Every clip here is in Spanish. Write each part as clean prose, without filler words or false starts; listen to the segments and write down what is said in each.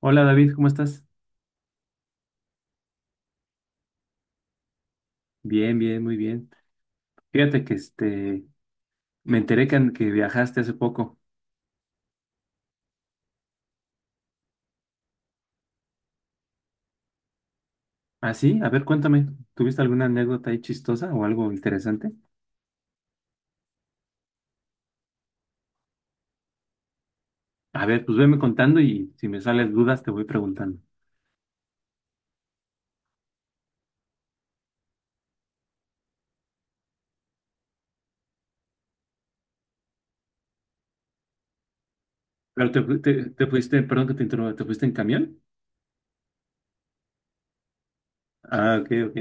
Hola David, ¿cómo estás? Bien, bien, muy bien. Fíjate que me enteré que viajaste hace poco. ¿Ah, sí? A ver, cuéntame, ¿tuviste alguna anécdota ahí chistosa o algo interesante? A ver, pues veme contando y si me salen dudas te voy preguntando. Pero te fuiste, perdón que te interrumpa, ¿te fuiste en camión? Ah, ok, ok,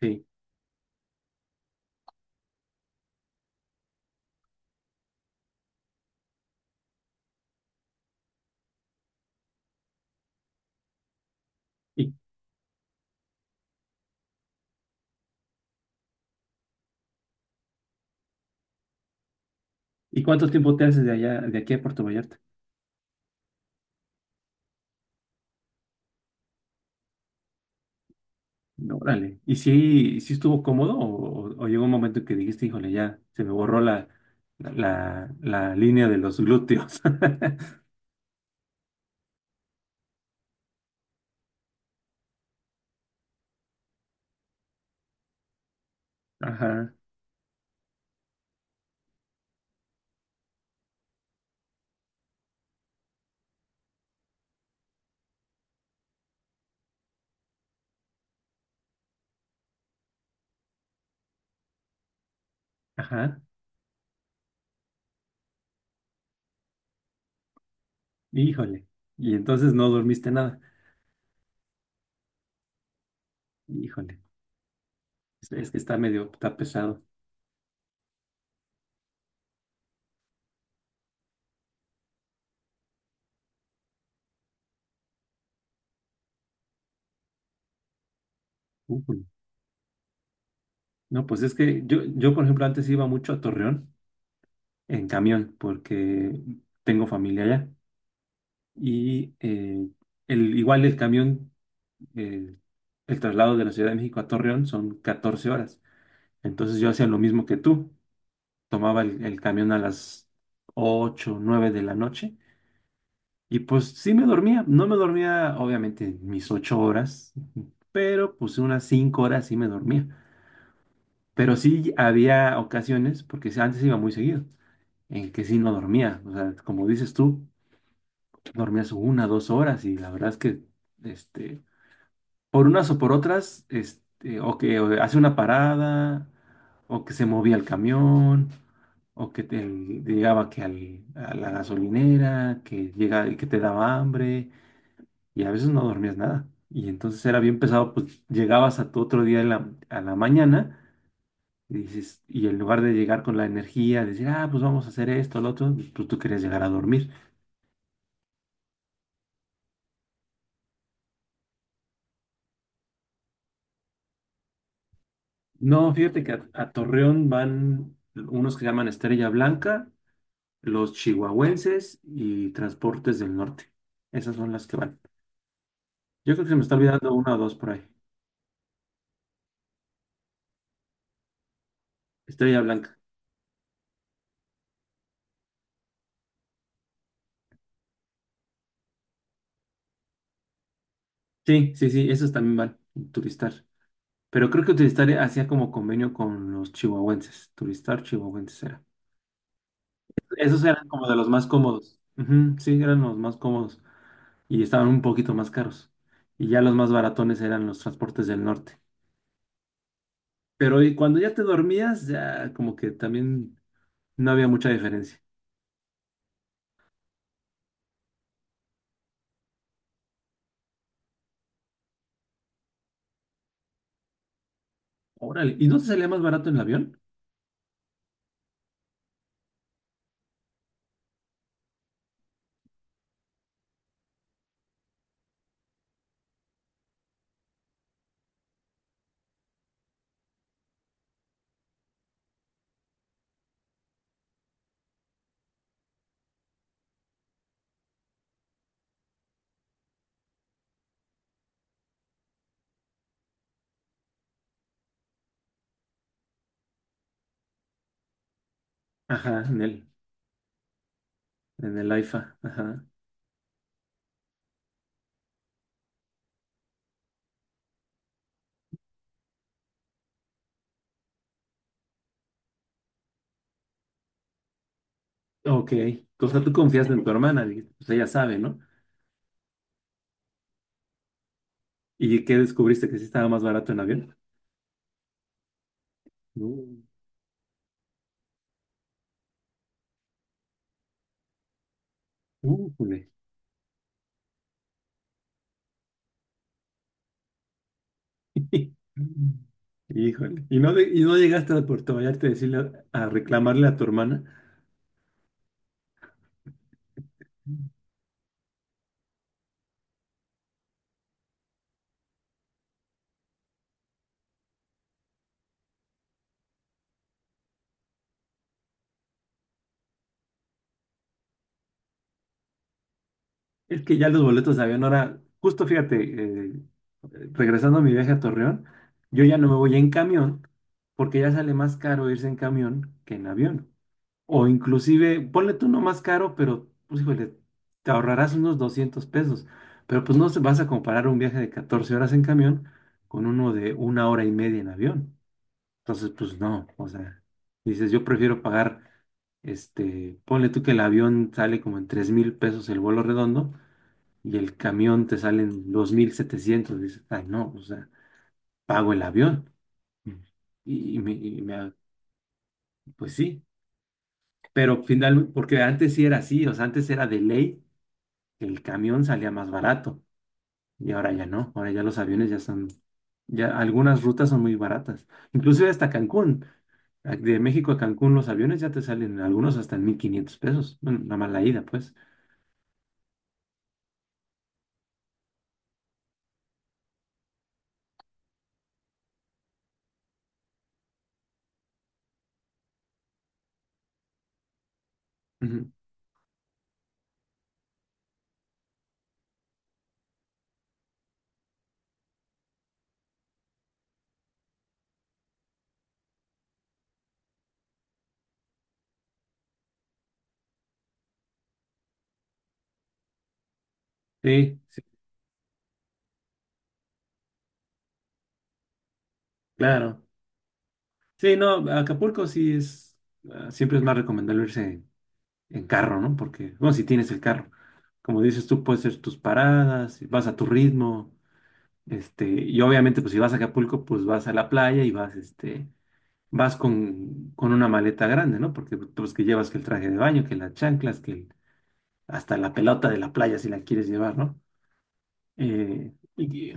sí. ¿Y, y cuánto tiempo te haces de allá, de aquí a Puerto Vallarta? Órale. ¿Y si estuvo cómodo o llegó un momento en que dijiste, híjole, ya se me borró la línea de los glúteos? Ajá, ajá. Híjole. Y entonces no dormiste nada. Híjole. Es que está medio, está pesado. Ujú. No, pues es que yo, por ejemplo, antes iba mucho a Torreón en camión porque tengo familia allá. Y igual el camión, eh, el traslado de la Ciudad de México a Torreón son 14 horas. Entonces yo hacía lo mismo que tú. Tomaba el camión a las 8 9 de la noche y pues sí me dormía. No me dormía obviamente mis 8 horas, pero pues unas 5 horas sí me dormía. Pero sí había ocasiones, porque sí, antes iba muy seguido, en que sí no dormía. O sea, como dices tú, dormías una, dos horas y la verdad es que este, por unas o por otras, o que o hace una parada, o que se movía el camión, o que te, llegaba que a la gasolinera, que llega, que te daba hambre, y a veces no dormías nada. Y entonces era bien pesado, pues llegabas a tu otro día en a la mañana, y dices, y en lugar de llegar con la energía, decir, ah, pues vamos a hacer esto, lo otro, pues tú querías llegar a dormir. No, fíjate que a Torreón van unos que llaman Estrella Blanca, los chihuahuenses y transportes del norte. Esas son las que van. Yo creo que se me está olvidando una o dos por ahí. Estrella Blanca. Sí, sí, sí, esos también van. Turistar. Pero creo que Turistar hacía como convenio con los chihuahuenses. Turistar, chihuahuenses era. Esos eran como de los más cómodos. Ujú, sí, eran los más cómodos y estaban un poquito más caros. Y ya los más baratones eran los transportes del norte. Pero y cuando ya te dormías, ya como que también no había mucha diferencia. Órale, ¿y no te salía más barato en el avión? Ajá, en el AIFA. Ajá. Ok. O sea, tú confiaste en tu hermana, dijiste, pues ella sabe, ¿no? ¿Y qué descubriste? ¿Que sí estaba más barato en avión? Uh, jule. Híjole. ¿Y no, y no llegaste a Puerto Vallarta a decirle, a reclamarle a tu hermana? Es que ya los boletos de avión ahora, justo fíjate, eh, regresando a mi viaje a Torreón, yo ya no me voy en camión porque ya sale más caro irse en camión que en avión. O inclusive, ponle tú no más caro, pero, pues híjole, te ahorrarás unos $200. Pero pues no se- vas a comparar un viaje de 14 horas en camión con uno de 1 hora y media en avión. Entonces, pues no, o sea, dices, yo prefiero pagar, ponle tú que el avión sale como en $3,000 el vuelo redondo y el camión te sale en 2,700. Dices, ay no, o sea, pago el avión. Mm. Y, y me, y me- pues sí, pero final, porque antes sí era así, o sea, antes era de ley el camión salía más barato y ahora ya no, ahora ya los aviones ya son, ya algunas rutas son muy baratas, inclusive hasta Cancún, de México a Cancún los aviones ya te salen algunos hasta en $1,500, bueno, nada más la ida pues. Ujú. Sí, sí, claro. Sí, no, Acapulco sí es, ah, siempre es más recomendable irse en carro, ¿no? Porque, bueno, si tienes el carro, como dices tú, puedes hacer tus paradas, vas a tu ritmo, y obviamente pues si vas a Acapulco pues vas a la playa y vas, vas con una maleta grande, ¿no? Porque pues que llevas que el traje de baño, que las chanclas, hasta la pelota de la playa si la quieres llevar, ¿no? Eh, y, y-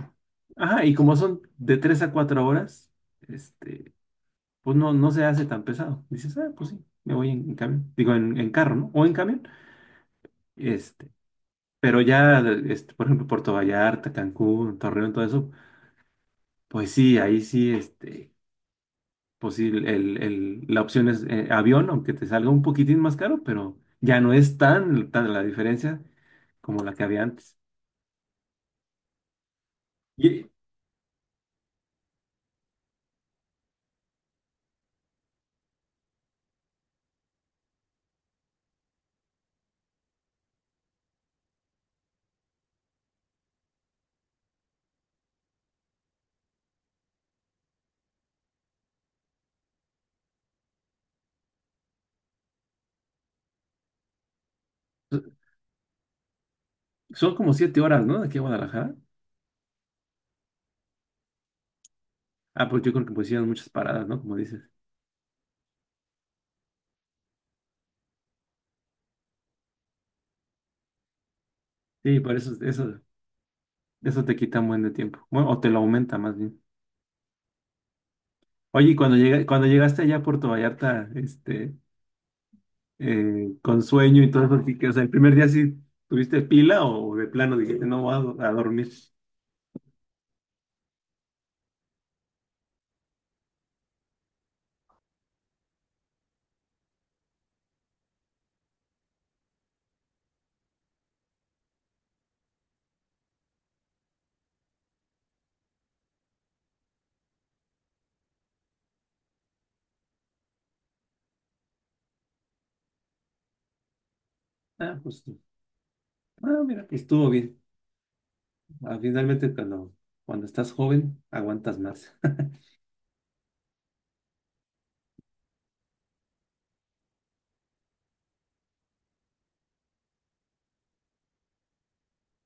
ajá, y como son de 3 a 4 horas, este, pues no, no se hace tan pesado. Dices, ah, pues sí, me voy en camión, digo, en carro, ¿no? O en camión, este, pero ya, por ejemplo, Puerto Vallarta, Cancún, Torreón, todo eso, pues sí, ahí sí, pues sí, la opción es avión, aunque te salga un poquitín más caro, pero ya no es tan, tan la diferencia como la que había antes. Y eh, so, son como 7 horas, ¿no? De aquí a Guadalajara. Ah, pues yo creo que pues hicieron muchas paradas, ¿no? Como dices. Sí, por eso, eso, eso te quita un buen de tiempo. Bueno, o te lo aumenta más bien. Oye, y cuando llega, cuando llegaste allá a Puerto Vallarta, con sueño y todo eso, así que, o sea, el primer día sí tuviste pila o de plano dijiste, no voy a, a dormir. Ah, pues, ah, mira, estuvo bien. Ah, finalmente, cuando, cuando estás joven, aguantas más.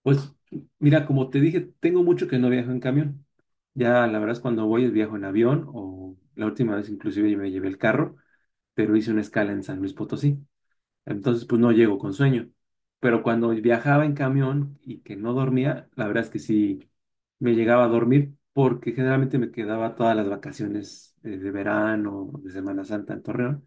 Pues mira, como te dije, tengo mucho que no viajo en camión. Ya la verdad es cuando voy es viajo en avión o la última vez inclusive me llevé el carro, pero hice una escala en San Luis Potosí. Entonces pues no llego con sueño. Pero cuando viajaba en camión y que no dormía, la verdad es que sí me llegaba a dormir porque generalmente me quedaba todas las vacaciones de verano, de Semana Santa en Torreón.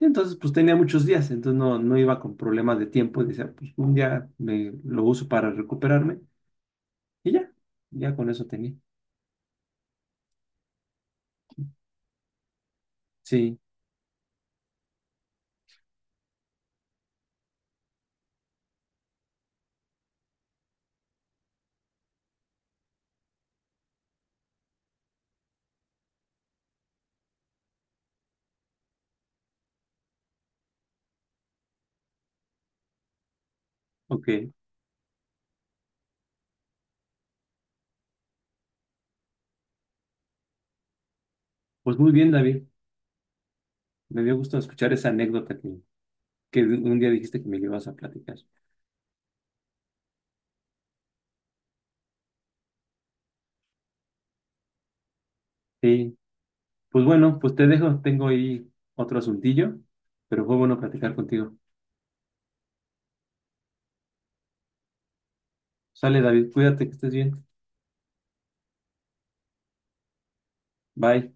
Entonces, pues tenía muchos días, entonces no, no iba con problemas de tiempo. Y decía, pues un día me lo uso para recuperarme y ya, ya con eso tenía. Sí, ok. Pues muy bien, David. Me dio gusto escuchar esa anécdota que un día dijiste que me la ibas a platicar. Sí, pues bueno, pues te dejo. Tengo ahí otro asuntillo, pero fue bueno platicar contigo. Sale, David, cuídate, que estés bien. Bye.